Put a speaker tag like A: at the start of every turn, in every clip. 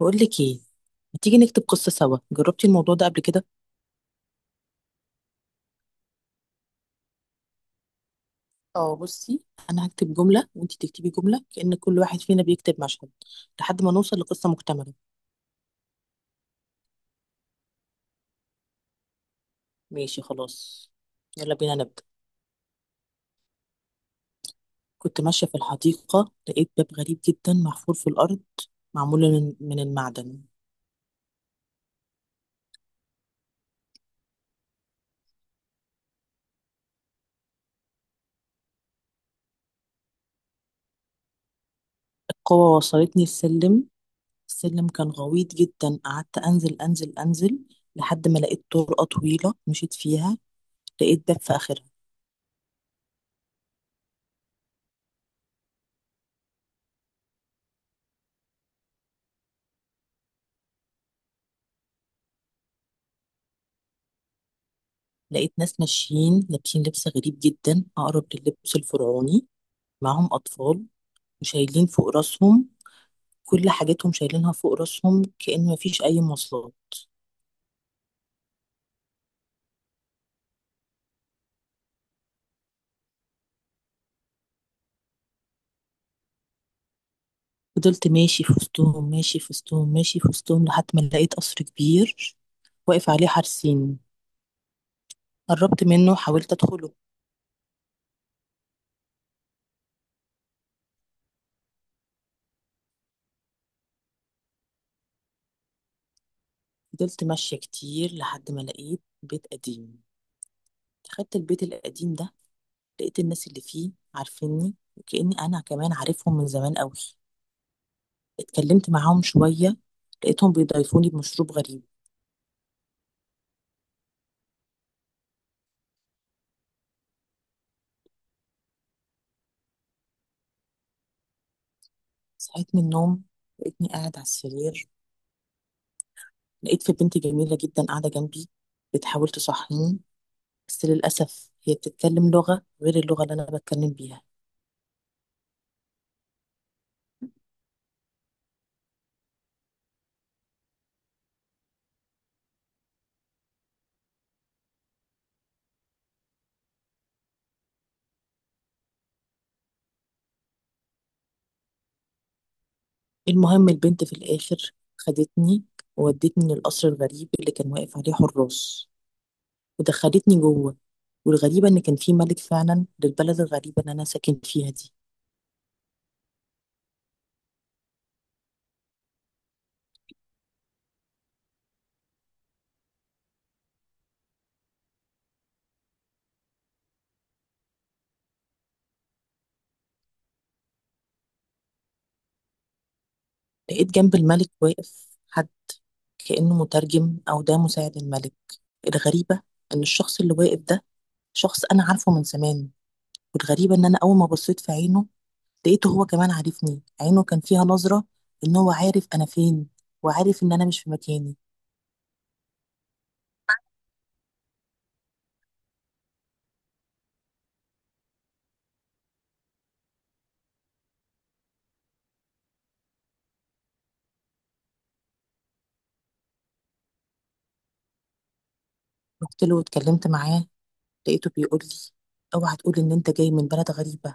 A: بقول لك ايه؟ ما تيجي نكتب قصة سوا؟ جربتي الموضوع ده قبل كده؟ اه، بصي. انا هكتب جملة وانتي تكتبي جملة، كأن كل واحد فينا بيكتب مشهد لحد ما نوصل لقصة مكتملة. ماشي خلاص. يلا بينا نبدأ. كنت ماشية في الحديقة، لقيت باب غريب جدا محفور في الأرض، معمول من المعدن. القوة وصلتني السلم. السلم كان غويط جدا، قعدت أنزل أنزل أنزل لحد ما لقيت طرقة طويلة مشيت فيها. لقيت باب في آخرها. لقيت ناس ماشيين لابسين لبس غريب جدا، أقرب للبس الفرعوني. معاهم أطفال، وشايلين فوق راسهم. كل حاجتهم شايلينها فوق راسهم، كأن مفيش أي مواصلات. فضلت ماشي في وسطهم ماشي في وسطهم ماشي في وسطهم لحد ما لقيت قصر كبير واقف عليه حارسين. قربت منه، حاولت أدخله. فضلت ماشية كتير لحد ما لقيت بيت قديم. دخلت البيت القديم ده، لقيت الناس اللي فيه عارفيني وكأني أنا كمان عارفهم من زمان أوي. اتكلمت معاهم شوية، لقيتهم بيضايفوني بمشروب غريب. صحيت من النوم، لقيتني قاعد على السرير، لقيت في بنت جميلة جدا قاعدة جنبي بتحاول تصحيني، بس للأسف هي بتتكلم لغة غير اللغة اللي أنا بتكلم بيها. المهم البنت في الآخر خدتني وودتني للقصر الغريب اللي كان واقف عليه حراس، ودخلتني جوه. والغريبة إن كان في ملك فعلا للبلد الغريبة اللي أنا ساكن فيها دي. لقيت جنب الملك واقف حد، كأنه مترجم أو ده مساعد الملك. الغريبة إن الشخص اللي واقف ده، شخص أنا عارفه من زمان. والغريبة إن أنا أول ما بصيت في عينه، لقيته هو كمان عارفني. عينه كان فيها نظرة إن هو عارف أنا فين، وعارف إن أنا مش في مكاني. رحت له واتكلمت معاه، لقيته بيقول لي: أوعى تقول إن أنت جاي من بلد غريبة،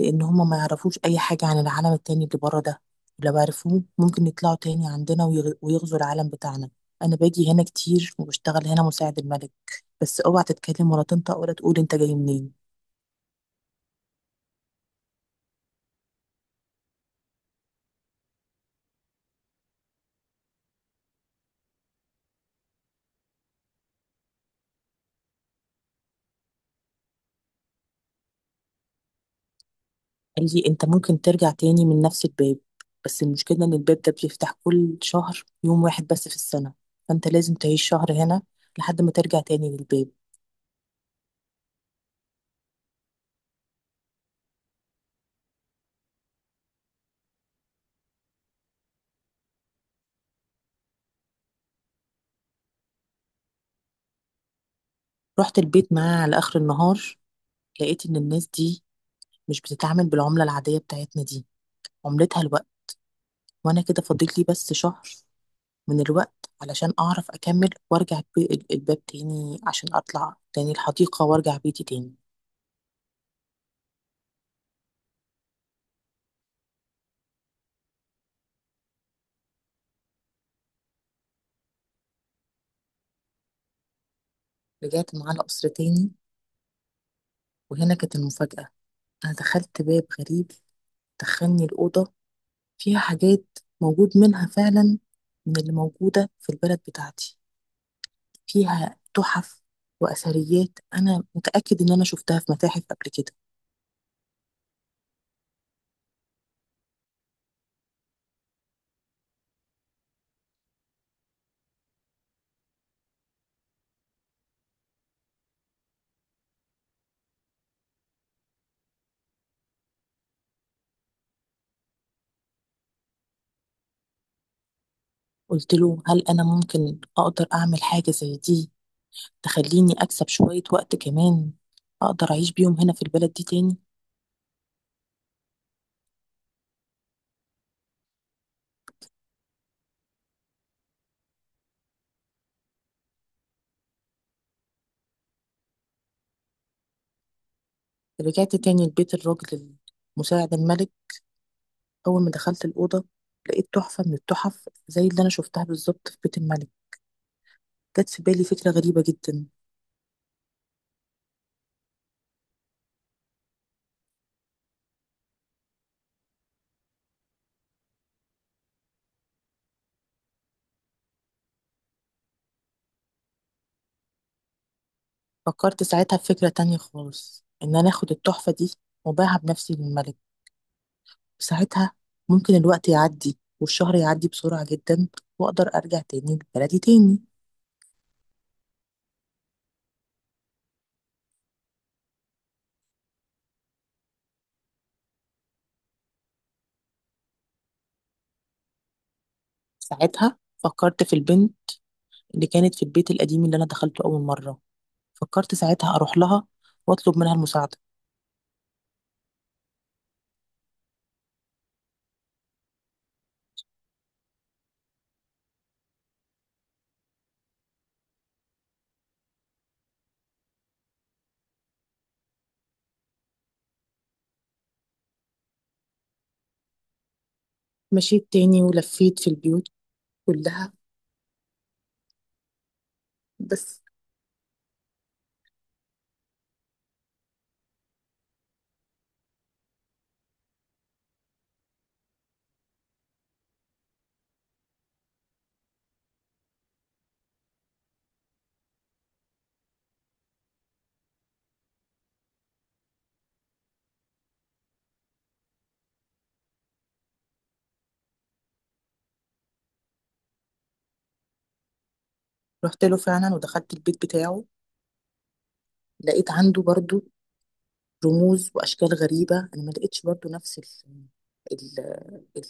A: لان هم ما يعرفوش اي حاجه عن العالم التاني اللي بره ده. لو عرفوه ممكن يطلعوا تاني عندنا ويغزوا العالم بتاعنا. انا باجي هنا كتير وبشتغل هنا مساعد الملك، بس اوعى تتكلم ولا تنطق ولا تقول انت جاي منين. قال لي: انت ممكن ترجع تاني من نفس الباب، بس المشكله ان الباب ده بيفتح كل شهر يوم واحد بس في السنه، فانت لازم تعيش شهر هنا لحد ما ترجع تاني للباب. رحت البيت معاه على اخر النهار. لقيت ان الناس دي مش بتتعامل بالعمله العاديه بتاعتنا دي. عملتها الوقت، وانا كده فاضل لي بس شهر من الوقت علشان اعرف اكمل وارجع الباب تاني عشان اطلع تاني الحديقة وارجع بيتي تاني. رجعت معاه القصر تاني، وهنا كانت المفاجأة. انا دخلت باب غريب، دخلني الأوضة، فيها حاجات موجود منها فعلا من اللي موجودة في البلد بتاعتي. فيها تحف وأثريات أنا متأكد إن أنا شفتها في متاحف قبل كده. قلت له: هل أنا ممكن أقدر أعمل حاجة زي دي، تخليني أكسب شوية وقت كمان، أقدر أعيش بيهم هنا في البلد دي تاني؟ رجعت تاني لبيت الراجل، مساعد الملك. أول ما دخلت الأوضة لقيت تحفة من التحف زي اللي أنا شفتها بالظبط في بيت الملك. جت في بالي فكرة غريبة جدا. فكرت ساعتها في فكرة تانية خالص، إن أنا آخد التحفة دي وأبيعها بنفسي للملك. ساعتها ممكن الوقت يعدي والشهر يعدي بسرعة جدا، وأقدر أرجع تاني لبلدي تاني. ساعتها فكرت في البنت اللي كانت في البيت القديم اللي أنا دخلته أول مرة. فكرت ساعتها أروح لها وأطلب منها المساعدة. مشيت تاني ولفيت في البيوت كلها. بس رحت له فعلا ودخلت البيت بتاعه، لقيت عنده برضو رموز وأشكال غريبة. أنا ما لقيتش برضو نفس ال...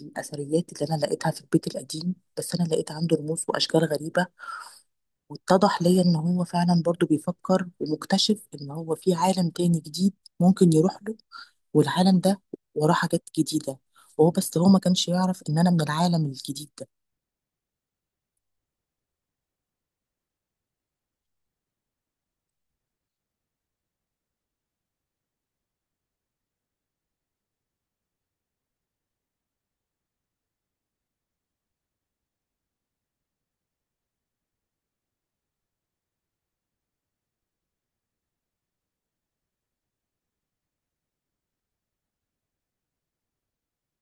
A: الأثريات اللي أنا لقيتها في البيت القديم، بس أنا لقيت عنده رموز وأشكال غريبة. واتضح ليا إن هو فعلا برضو بيفكر ومكتشف إن هو في عالم تاني جديد ممكن يروح له، والعالم ده وراه حاجات جديدة، وهو بس هو ما كانش يعرف إن أنا من العالم الجديد ده.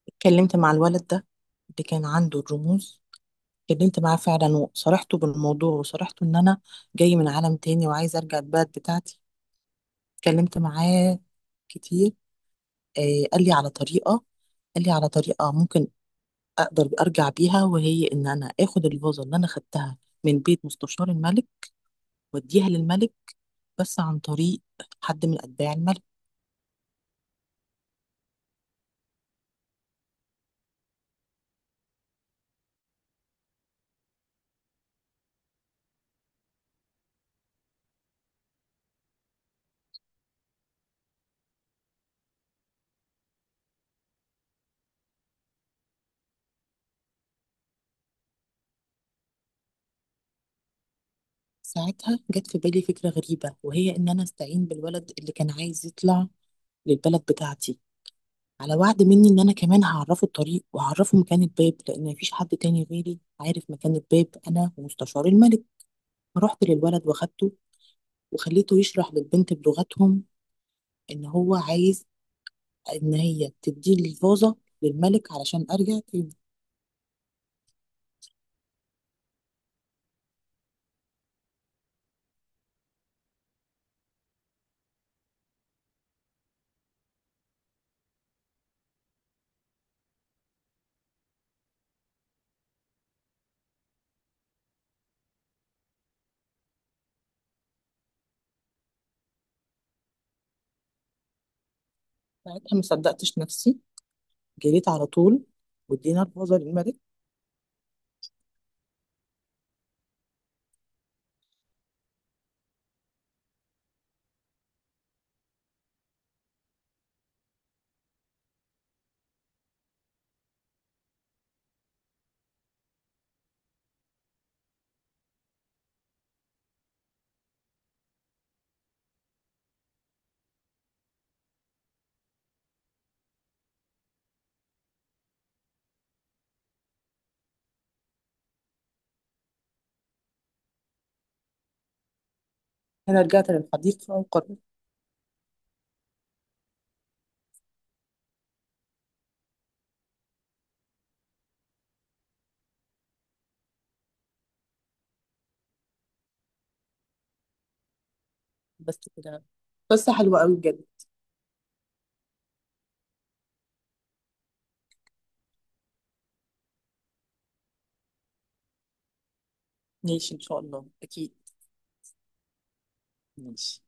A: اتكلمت مع الولد ده اللي كان عنده الرموز، اتكلمت معاه فعلا وصارحته بالموضوع وصارحته إن أنا جاي من عالم تاني وعايزة أرجع البلد بتاعتي. اتكلمت معاه كتير. آه قال لي على طريقة قال لي على طريقة ممكن أقدر أرجع بيها، وهي إن أنا آخد الفازة اللي أنا خدتها من بيت مستشار الملك وأديها للملك، بس عن طريق حد من أتباع الملك. ساعتها جت في بالي فكرة غريبة، وهي إن أنا أستعين بالولد اللي كان عايز يطلع للبلد بتاعتي، على وعد مني إن أنا كمان هعرفه الطريق وهعرفه مكان الباب، لأن مفيش حد تاني غيري عارف مكان الباب أنا ومستشار الملك. فرحت للولد وخدته، وخليته يشرح للبنت بلغتهم إن هو عايز إن هي تديه الفازة للملك علشان أرجع تاني. ساعتها ما صدقتش نفسي، جريت على طول وادينا الفازة للملك. أنا رجعت للحديقة وقررت. بس كده. قصة حلوة أوي بجد. ماشي، ان شاء الله اكيد. ماشي.